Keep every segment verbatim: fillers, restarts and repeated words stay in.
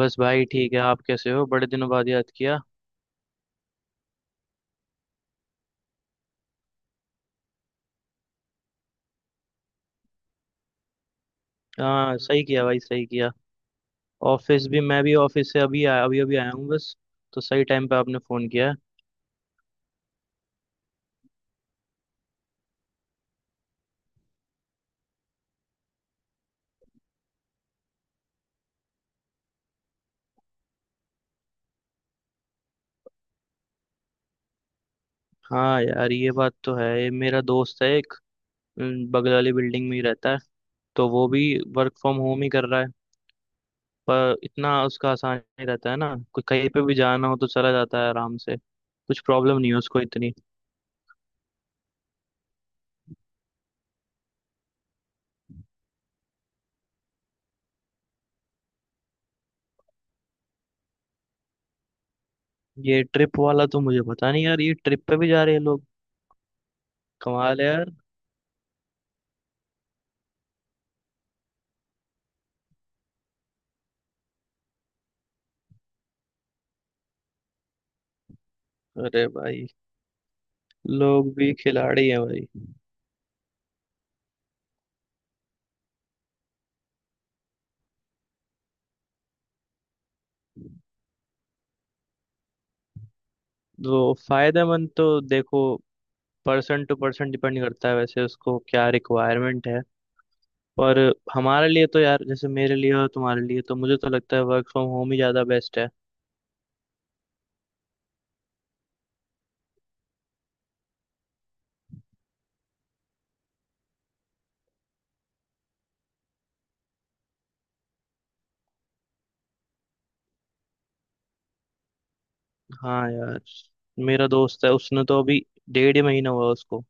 बस भाई ठीक है। आप कैसे हो? बड़े दिनों बाद याद किया। हाँ, सही किया भाई, सही किया। ऑफिस भी, मैं भी ऑफिस से अभी आया, अभी अभी आया हूँ बस। तो सही टाइम पे आपने फ़ोन किया है। हाँ यार, ये बात तो है। ये मेरा दोस्त है एक, अम, बगल वाली बिल्डिंग में ही रहता है। तो वो भी वर्क फ्रॉम होम ही कर रहा है। पर इतना उसका आसान नहीं रहता है ना, कोई कहीं पे भी जाना हो तो चला जाता है आराम से, कुछ प्रॉब्लम नहीं है उसको इतनी। ये ट्रिप वाला तो मुझे पता नहीं यार, ये ट्रिप पे भी जा रहे हैं लोग। कमाल है यार। अरे भाई, लोग भी खिलाड़ी हैं भाई। तो फायदेमंद तो देखो, पर्सन टू पर्सन डिपेंड करता है वैसे, उसको क्या रिक्वायरमेंट है। पर हमारे लिए तो यार, जैसे मेरे लिए और तुम्हारे लिए, तो मुझे तो लगता है वर्क फ्रॉम होम ही ज़्यादा बेस्ट है। हाँ यार, मेरा दोस्त है, उसने तो अभी डेढ़ ही महीना हुआ उसको,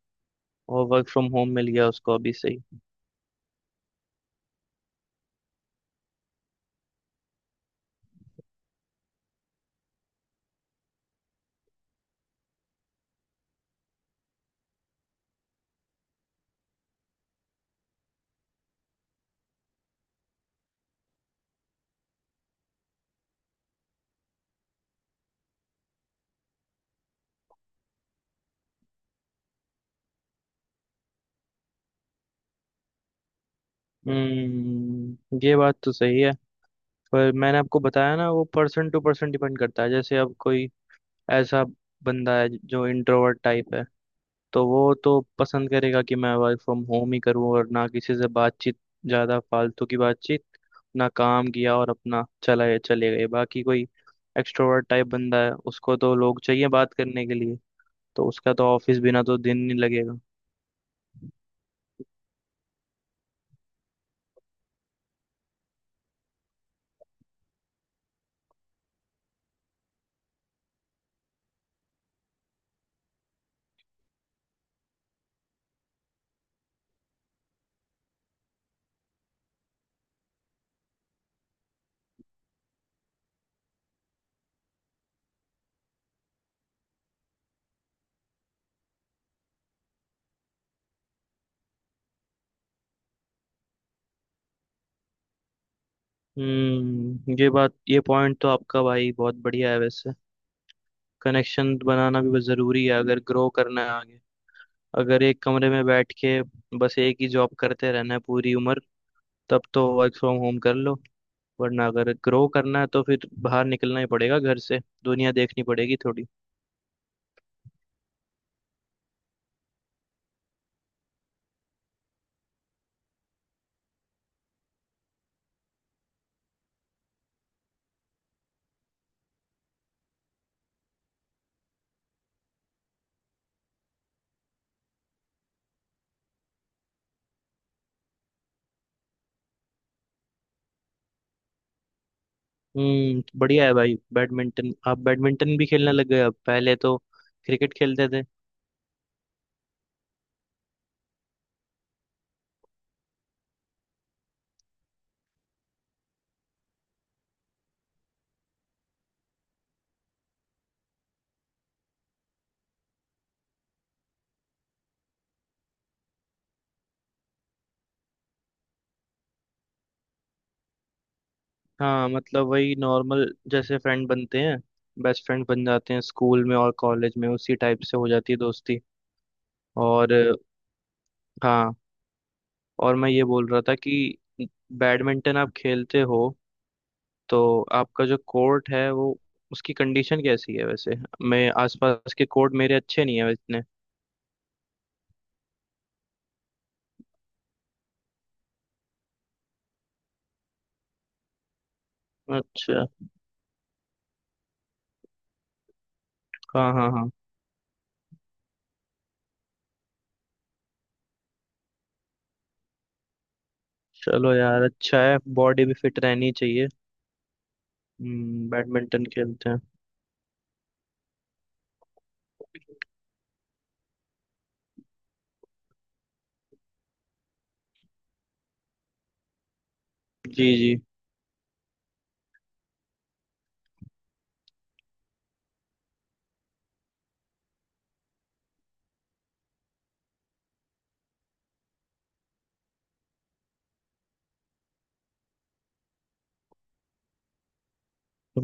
और वर्क फ्रॉम होम मिल गया उसको अभी से ही। हम्म, ये बात तो सही है। पर मैंने आपको बताया ना, वो पर्सन टू पर्सन डिपेंड करता है। जैसे अब कोई ऐसा बंदा है जो इंट्रोवर्ट टाइप है, तो वो तो पसंद करेगा कि मैं वर्क फ्रॉम होम ही करूँ और ना किसी से बातचीत, ज़्यादा फालतू की बातचीत ना, काम किया और अपना चला चले गए। बाकी कोई एक्सट्रोवर्ट टाइप बंदा है, उसको तो लोग चाहिए बात करने के लिए, तो उसका तो ऑफिस बिना तो दिन नहीं लगेगा। हम्म, ये बात, ये पॉइंट तो आपका भाई बहुत बढ़िया है वैसे। कनेक्शन बनाना भी बहुत ज़रूरी है अगर ग्रो करना है आगे। अगर एक कमरे में बैठ के बस एक ही जॉब करते रहना है पूरी उम्र, तब तो वर्क फ्रॉम होम कर लो। वरना अगर ग्रो करना है तो फिर बाहर निकलना ही पड़ेगा घर से, दुनिया देखनी पड़ेगी थोड़ी। हम्म, बढ़िया है भाई। बैडमिंटन, आप बैडमिंटन भी खेलने लग गए? अब पहले तो क्रिकेट खेलते थे। हाँ, मतलब वही नॉर्मल, जैसे फ्रेंड बनते हैं, बेस्ट फ्रेंड बन जाते हैं स्कूल में और कॉलेज में, उसी टाइप से हो जाती है दोस्ती। और हाँ, और मैं ये बोल रहा था कि बैडमिंटन आप खेलते हो, तो आपका जो कोर्ट है वो, उसकी कंडीशन कैसी है वैसे? मैं, आसपास के कोर्ट मेरे अच्छे नहीं है वैसे। अच्छा। हाँ हाँ हाँ। चलो यार, अच्छा है, बॉडी भी फिट रहनी चाहिए। हम्म, बैडमिंटन खेलते हैं। जी जी।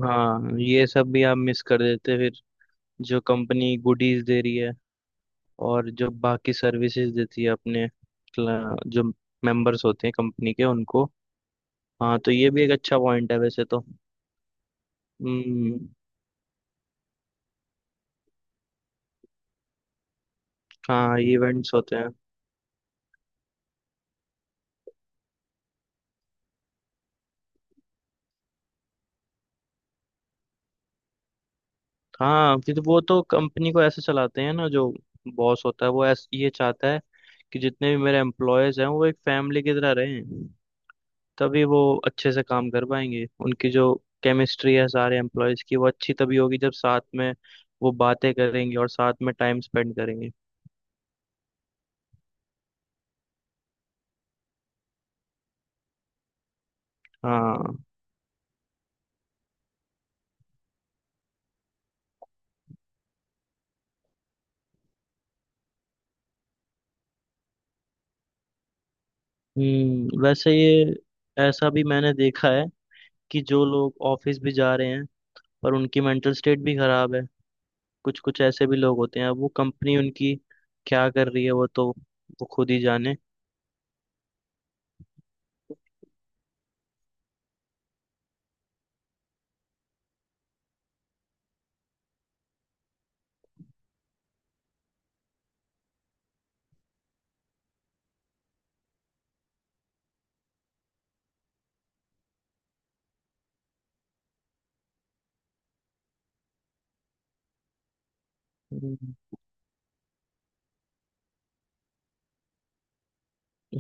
हाँ, ये सब भी आप मिस कर देते फिर, जो कंपनी गुडीज दे रही है और जो बाकी सर्विसेज देती है अपने क्ला- जो मेंबर्स होते हैं कंपनी के, उनको। हाँ, तो ये भी एक अच्छा पॉइंट है वैसे तो। हम्म। हाँ, इवेंट्स होते हैं। हाँ, फिर वो तो कंपनी को ऐसे चलाते हैं ना, जो बॉस होता है वो ऐस ये चाहता है कि जितने भी मेरे एम्प्लॉयज हैं वो एक फैमिली की तरह रहें। तभी वो अच्छे से काम कर पाएंगे। उनकी जो केमिस्ट्री है सारे एम्प्लॉयज की, वो अच्छी तभी होगी जब साथ में वो बातें करेंगे और साथ में टाइम स्पेंड करेंगे। हाँ। हम्म, वैसे ये, ऐसा भी मैंने देखा है कि जो लोग ऑफिस भी जा रहे हैं पर उनकी मेंटल स्टेट भी खराब है। कुछ कुछ ऐसे भी लोग होते हैं, अब वो कंपनी उनकी क्या कर रही है, वो तो वो खुद ही जाने।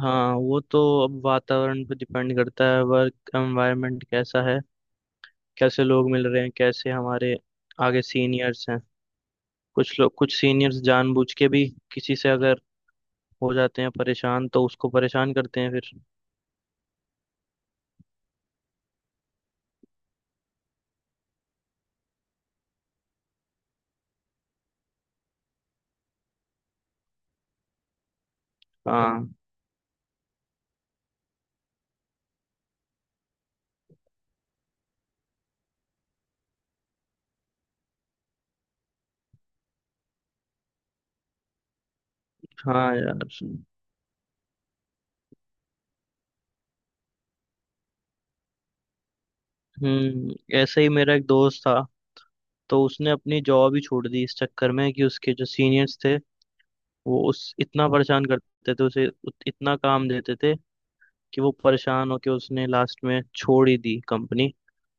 हाँ, वो तो अब वातावरण पे डिपेंड करता है, वर्क एनवायरनमेंट कैसा है, कैसे लोग मिल रहे हैं, कैसे हमारे आगे सीनियर्स हैं। कुछ लोग, कुछ सीनियर्स जानबूझ के भी, किसी से अगर हो जाते हैं परेशान तो उसको परेशान करते हैं फिर। हाँ हाँ हाँ यार। हम्म, ऐसे ही मेरा एक दोस्त था। तो उसने अपनी जॉब ही छोड़ दी इस चक्कर में कि उसके जो सीनियर्स थे वो उस इतना परेशान करते थे उसे, उत- इतना काम देते थे कि वो परेशान होके उसने लास्ट में छोड़ ही दी कंपनी।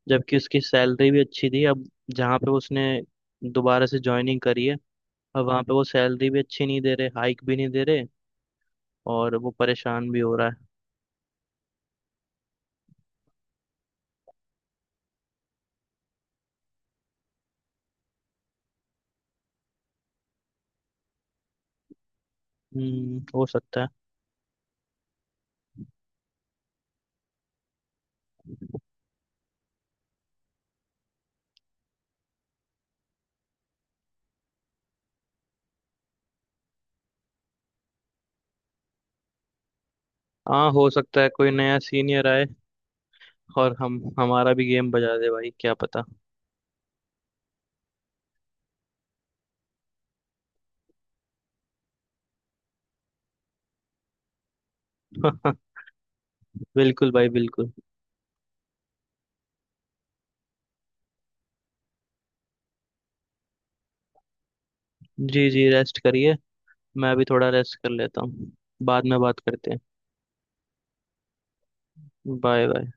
जबकि उसकी सैलरी भी अच्छी थी। अब जहाँ पे उसने दोबारा से ज्वाइनिंग करी है, अब वहाँ पे वो सैलरी भी अच्छी नहीं दे रहे, हाइक भी नहीं दे रहे, और वो परेशान भी हो रहा है। हम्म, हो सकता है। हाँ, हो सकता है कोई नया सीनियर आए और हम, हमारा भी गेम बजा दे भाई, क्या पता। बिल्कुल भाई, बिल्कुल। जी जी, रेस्ट करिए। मैं भी थोड़ा रेस्ट कर लेता हूँ, बाद में बात करते हैं। Bye bye.